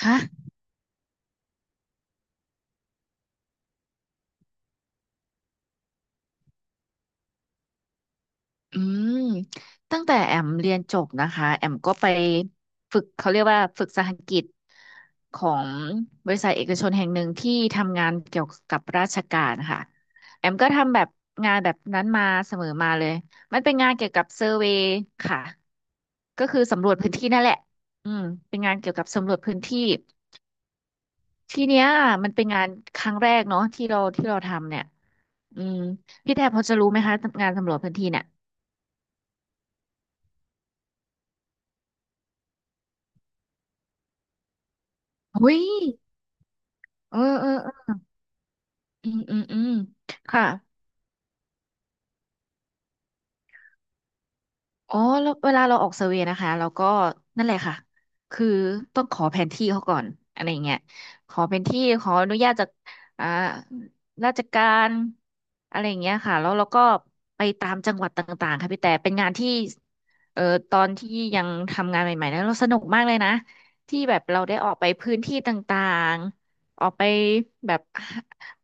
ค่ะอืมตั้งแต่แอมเรียนจบนะคะแอมก็ไปฝึกเขาเรียกว่าฝึกสหกิจของบริษัทเอกชนแห่งหนึ่งที่ทำงานเกี่ยวกับราชการค่ะแอมก็ทำแบบงานแบบนั้นมาเสมอมาเลยมันเป็นงานเกี่ยวกับเซอร์เวย์ค่ะก็คือสำรวจพื้นที่นั่นแหละอืมเป็นงานเกี่ยวกับสำรวจพื้นที่ทีเนี้ยมันเป็นงานครั้งแรกเนาะที่เราทำเนี่ยอืมพี่แทบพอจะรู้ไหมคะงานสำรวจพื้นที่เนี่ย อุ้ยเออเออเอออืมอืมอืมค่ะอ๋อแล้วเวลาเราออกเซอร์เวย์นะคะเราก็นั่นแหละค่ะคือต้องขอแผนที่เขาก่อนอะไรอย่างเงี้ยขอแผนที่ขออนุญาตจากอ่าราชการอะไรอย่างเงี้ยค่ะแล้วเราก็ไปตามจังหวัดต่างๆค่ะพี่แต่เป็นงานที่เอ่อตอนที่ยังทำงานใหม่ๆนะเราสนุกมากเลยนะที่แบบเราได้ออกไปพื้นที่ต่างๆออกไปแบบ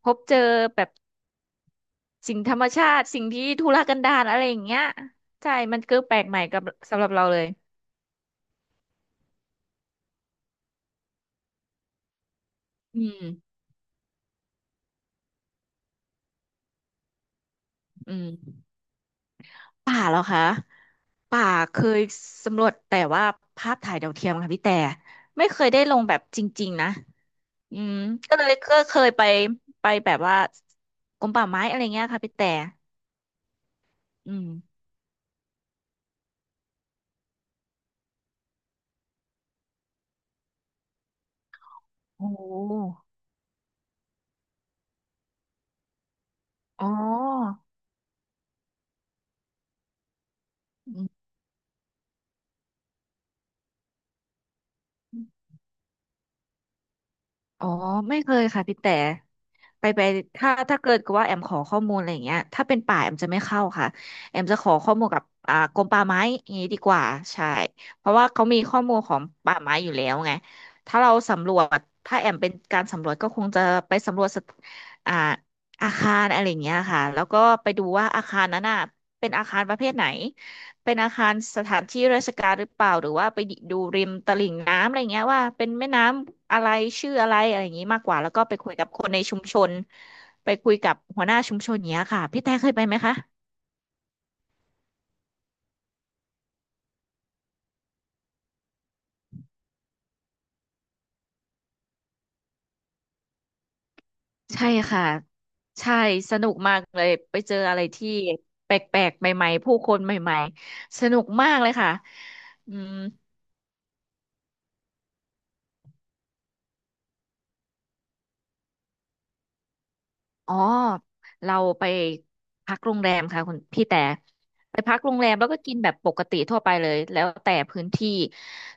พบเจอแบบ สิ่งธรรมชาติสิ่งที่ทุรกันดารอะไรอย่างเงี้ยใช่มันคือแปลกใหม่กับสำหรับเราเลยอืมอืมป่าเหรอคะป่าเคยสำรวจแต่ว่าภาพถ่ายดาวเทียมค่ะพี่แต่ไม่เคยได้ลงแบบจริงๆนะอืมก็เคยไปไปแบบว่ากรมป่าไม้อะไรเงี้ยค่ะพี่แต่อืมโอ้อ๋ออืม อ๋อไม่เคยค่ะพี่แต่ไปไปถ้าเกิดกับว่าแอมขอข้อมูลอะไรอย่างเงี้ยถ้าเป็นป่าแอมจะไม่เข้าค่ะแอมจะขอข้อมูลกับกรมป่าไม้อย่างงี้ดีกว่าใช่เพราะว่าเขามีข้อมูลของป่าไม้อยู่แล้วไงถ้าเราสำรวจถ้าแอมเป็นการสำรวจก็คงจะไปสำรวจสถอ่าอาคารอะไรอย่างเงี้ยค่ะแล้วก็ไปดูว่าอาคารนั้นน่ะเป็นอาคารประเภทไหน เป็นอาคารสถานที่ราชการหรือเปล่าหรือว่าไปดูริมตลิ่งน้ำอะไรเงี้ยว่าเป็นแม่น้ำอะไรชื่ออะไรอะไรอย่างงี้มากกว่าแล้วก็ไปคุยกับคนในชุมชนไปคุยกับหัวหน้าชุมชนเนี้ยค่ะพี่แต่เคยไปไหมคะใช่ค่ะใช่สนุกมากเลยไปเจออะไรที่แปลกๆใหม่ๆผู้คนใหม่ๆสนุกมากเลยค่ะอืม อ๋อ เราไปพักโรงแรมค่ะคุณพี่แต่ไปพักโรงแรมแล้วก็กินแบบปกติทั่วไปเลยแล้วแต่พื้นที่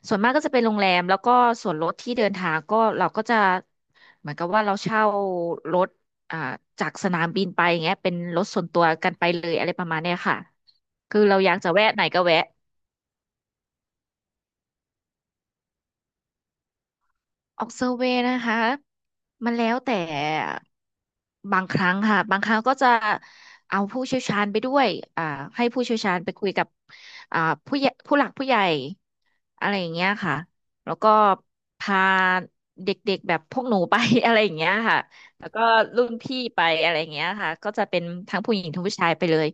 ส่วนมากก็จะเป็นโรงแรมแล้วก็ส่วนรถที่เดินทางก็เราก็จะเหมือนกับว่าเราเช่ารถอ่าจากสนามบินไปอย่างเงี้ยเป็นรถส่วนตัวกันไปเลยอะไรประมาณเนี้ยค่ะคือเราอยากจะแวะไหนก็แวะ ออกเซอร์เวย์นะคะมันแล้วแต่บางครั้งค่ะบางครั้งก็จะเอาผู้เชี่ยวชาญไปด้วยอ่าให้ผู้เชี่ยวชาญไปคุยกับอ่าผู้ใหญ่ผู้หลักผู้ใหญ่อะไรอย่างเงี้ยค่ะแล้วก็พาเด็กๆแบบพวกหนูไป อะไรอย่างเงี้ยค่ะแล้วก็รุ่นพี่ไปอะไรอย่างเงี้ยค่ะก็จะเป็นทั้งผู้หญิงทั้งผู้ชายไปเลย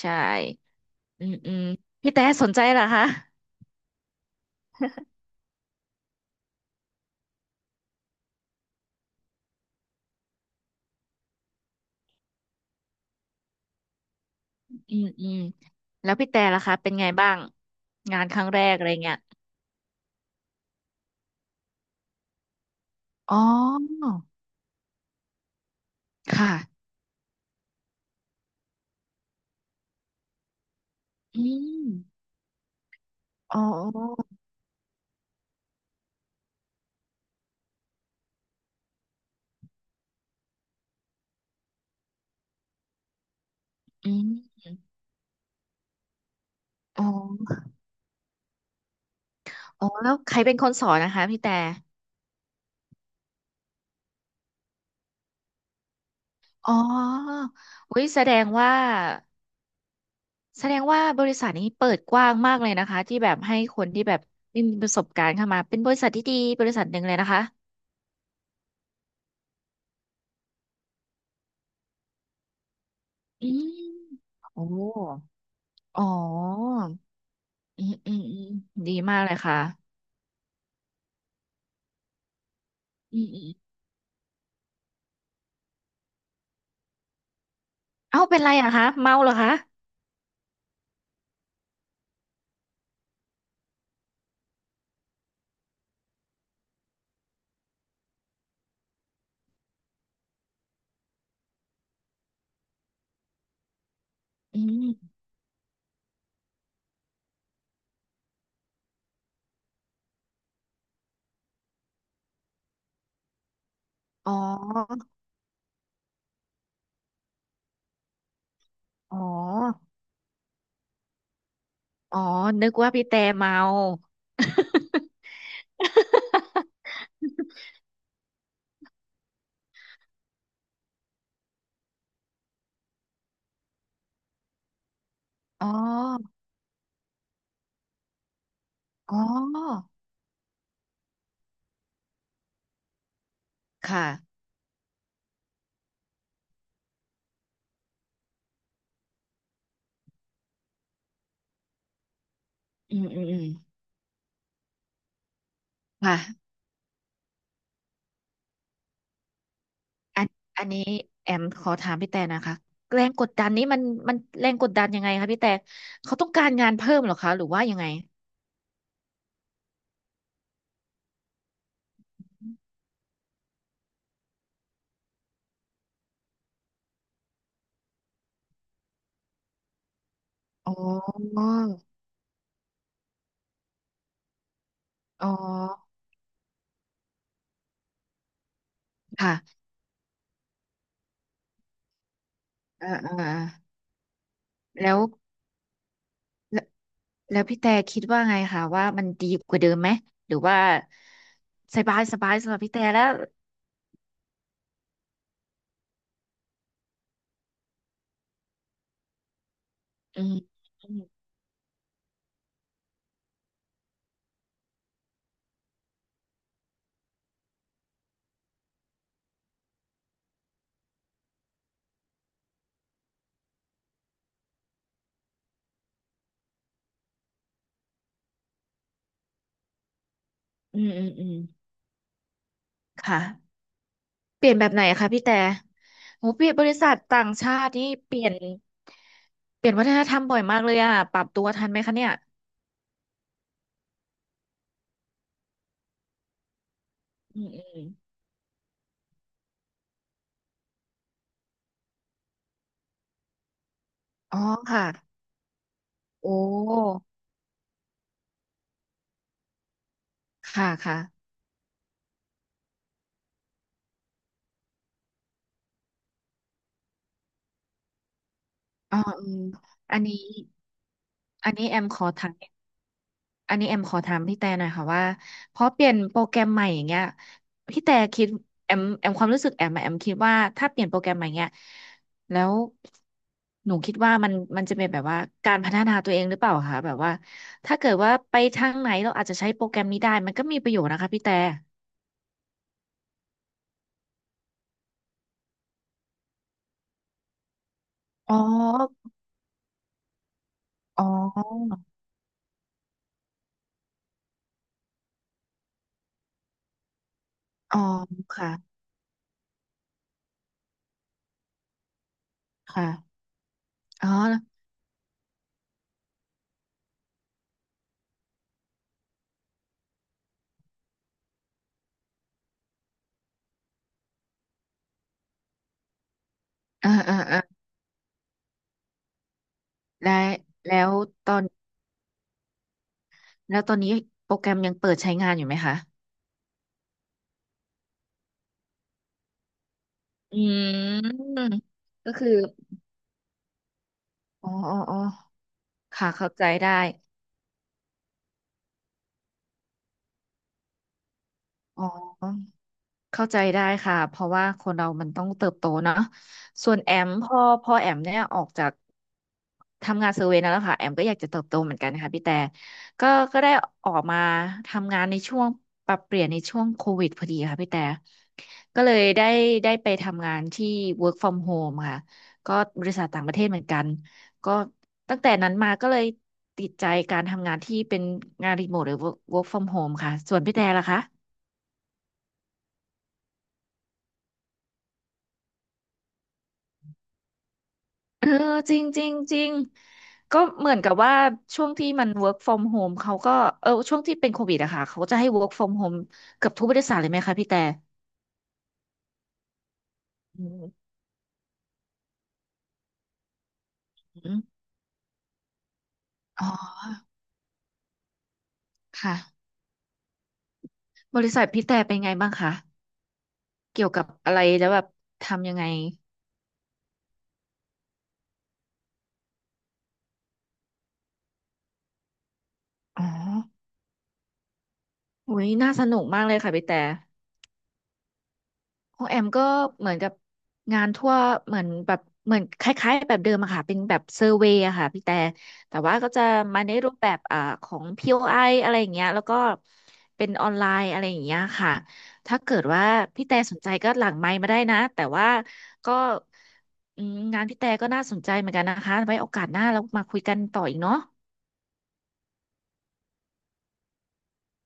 ใช่อืมอืมพี่แต่สนใจเหรอคะ อืมอืมแล้วพี่แต่ล่ะคะเป็นไงบ้างงานครั้งแรกอะไรเงี้ยอ๋อค่ะอืมอ๋ออืมอ๋ออ๋อแล้วใครเป็นคนสอนนะคะพี่แต่อ๋ออุ้ยแสดงว่าแสดงว่าบริษัทนี้เปิดกว้างมากเลยนะคะที่แบบให้คนที่แบบไม่มีประสบการณ์เข้ามาเป็นบริษัทที่ดีบริษัทหนึ่งเลยนะคะอืมโอ้อ๋ออืมอืมอืมดีมากเลยค่ะอืม เอ้าเป็นไรอะคะเมาเหรอคะอืมอ๋ออ๋ออ๋อนึกว่าพี่แต่เมา อ๋ออ๋อค่ะอืมอืมอืมค่ะอันอันนี้แอมขอถามพี่แต่นะคะแรงกดดันนี้มันแรงกดดันยังไงคะพี่แต่เขาต้องการงานเพิ่มเหรอคะหรือว่ายังไงอ๋ออ๋อค่ะอ่าอ่าอ่าแล้ว แล้วพี่แต่คิดว่าไงคะว่ามันดีกว่าเดิมไหมหรือว่าสบายสบายสำหรับพี่แต่แล้วอืมอืมอืมอืมอืมค่ะเปลี่ยนแบบไหนคะพี่แต่โหเปลี่ยนบริษัทต่างชาตินี่เปลี่ยนเปลี่ยนวัฒนธรรมบ่อยมากเลยอะปรับตัวทันไหมคะเนี่ยอืมอืมอ๋อค่ะโอ้ค่ะค่ะอ๋ออืมอันนี้อันนี้แอมขอถาม อันนี้แอมขอถามพี่แต่หน่อยค่ะว่าพอเปลี่ยนโปรแกรมใหม่อย่างเงี้ยพี่แต่คิดแอมแอมความรู้สึกแอมอะแอมคิดว่าถ้าเปลี่ยนโปรแกรมใหม่เงี้ยแล้วหนูคิดว่ามันจะเป็นแบบว่าการพัฒนาตัวเองหรือเปล่าคะแบบว่าถ้าเกิดว่าไปทางไหนเราอาจจะใช้โปรแกรมนี้ได้มันก็มีประโยชน์นะคะพี่แต่อ๋ออ๋ออ๋อค่ะค่ะอ๋ออ่าอ่าอ่าแล้วแล้วตอนแล้วตอนนี้โปรแกรมยังเปิดใช้งานอยู่ไหมคะ อืมก็คืออ๋ออ๋ออ๋อค่ะเข้าใจได้อ๋อ เข้าใจได้ค่ะเพราะว่าคนเรามันต้องเติบโตเนาะส่วนแอมพ่อแอมเนี่ยออกจากทำงานเซอร์เวย์นั่นแหล้วค่ะแอมก็อยากจะเติบโตเหมือนกันค่ะพี่แต่ก็ก็ได้ออกมาทำงานในช่วงปรับเปลี่ยนในช่วงโควิดพอดีค่ะพี่แต่ก็เลยได้ไปทำงานที่ work from home ค่ะก็บริษัทต่างประเทศเหมือนกันก็ตั้งแต่นั้นมาก็เลยติดใจการทำงานที่เป็นงานรีโมทหรือ work from home ค่ะส่วนพี่แต่ล่ะคะ เออจริงจริงจริงก็เหมือนกับว่าช่วงที่มัน work from home เขาก็เออช่วงที่เป็นโควิดอะค่ะเขาก็จะให้ work from home เกือบทุกบริษัทเลยไหมคะพี่แต่อืมอ๋อค่ะบริษัทพี่แต่เป็นไงบ้างคะเกี่ยวกับอะไรแล้วแบบทำยังไงอ๋อโอ้ยน่าสนุกมากเลยค่ะพี่แต่ ของแอมก็เหมือนกับงานทั่วเหมือนแบบเหมือนคล้ายๆแบบเดิมอะค่ะเป็นแบบเซอร์เวย์อะค่ะพี่แต่แต่ว่าก็จะมาในรูปแบบของ POI อไออะไรอย่างเงี้ยแล้วก็เป็นออนไลน์อะไรอย่างเงี้ยค่ะถ้าเกิดว่าพี่แต่สนใจก็หลังไมค์มาได้นะแต่ว่าก็อืมงานพี่แต่ก็น่าสนใจเหมือนกันนะคะไว้โอกาสหน้าเรามาคุยกันต่ออีกเนาะ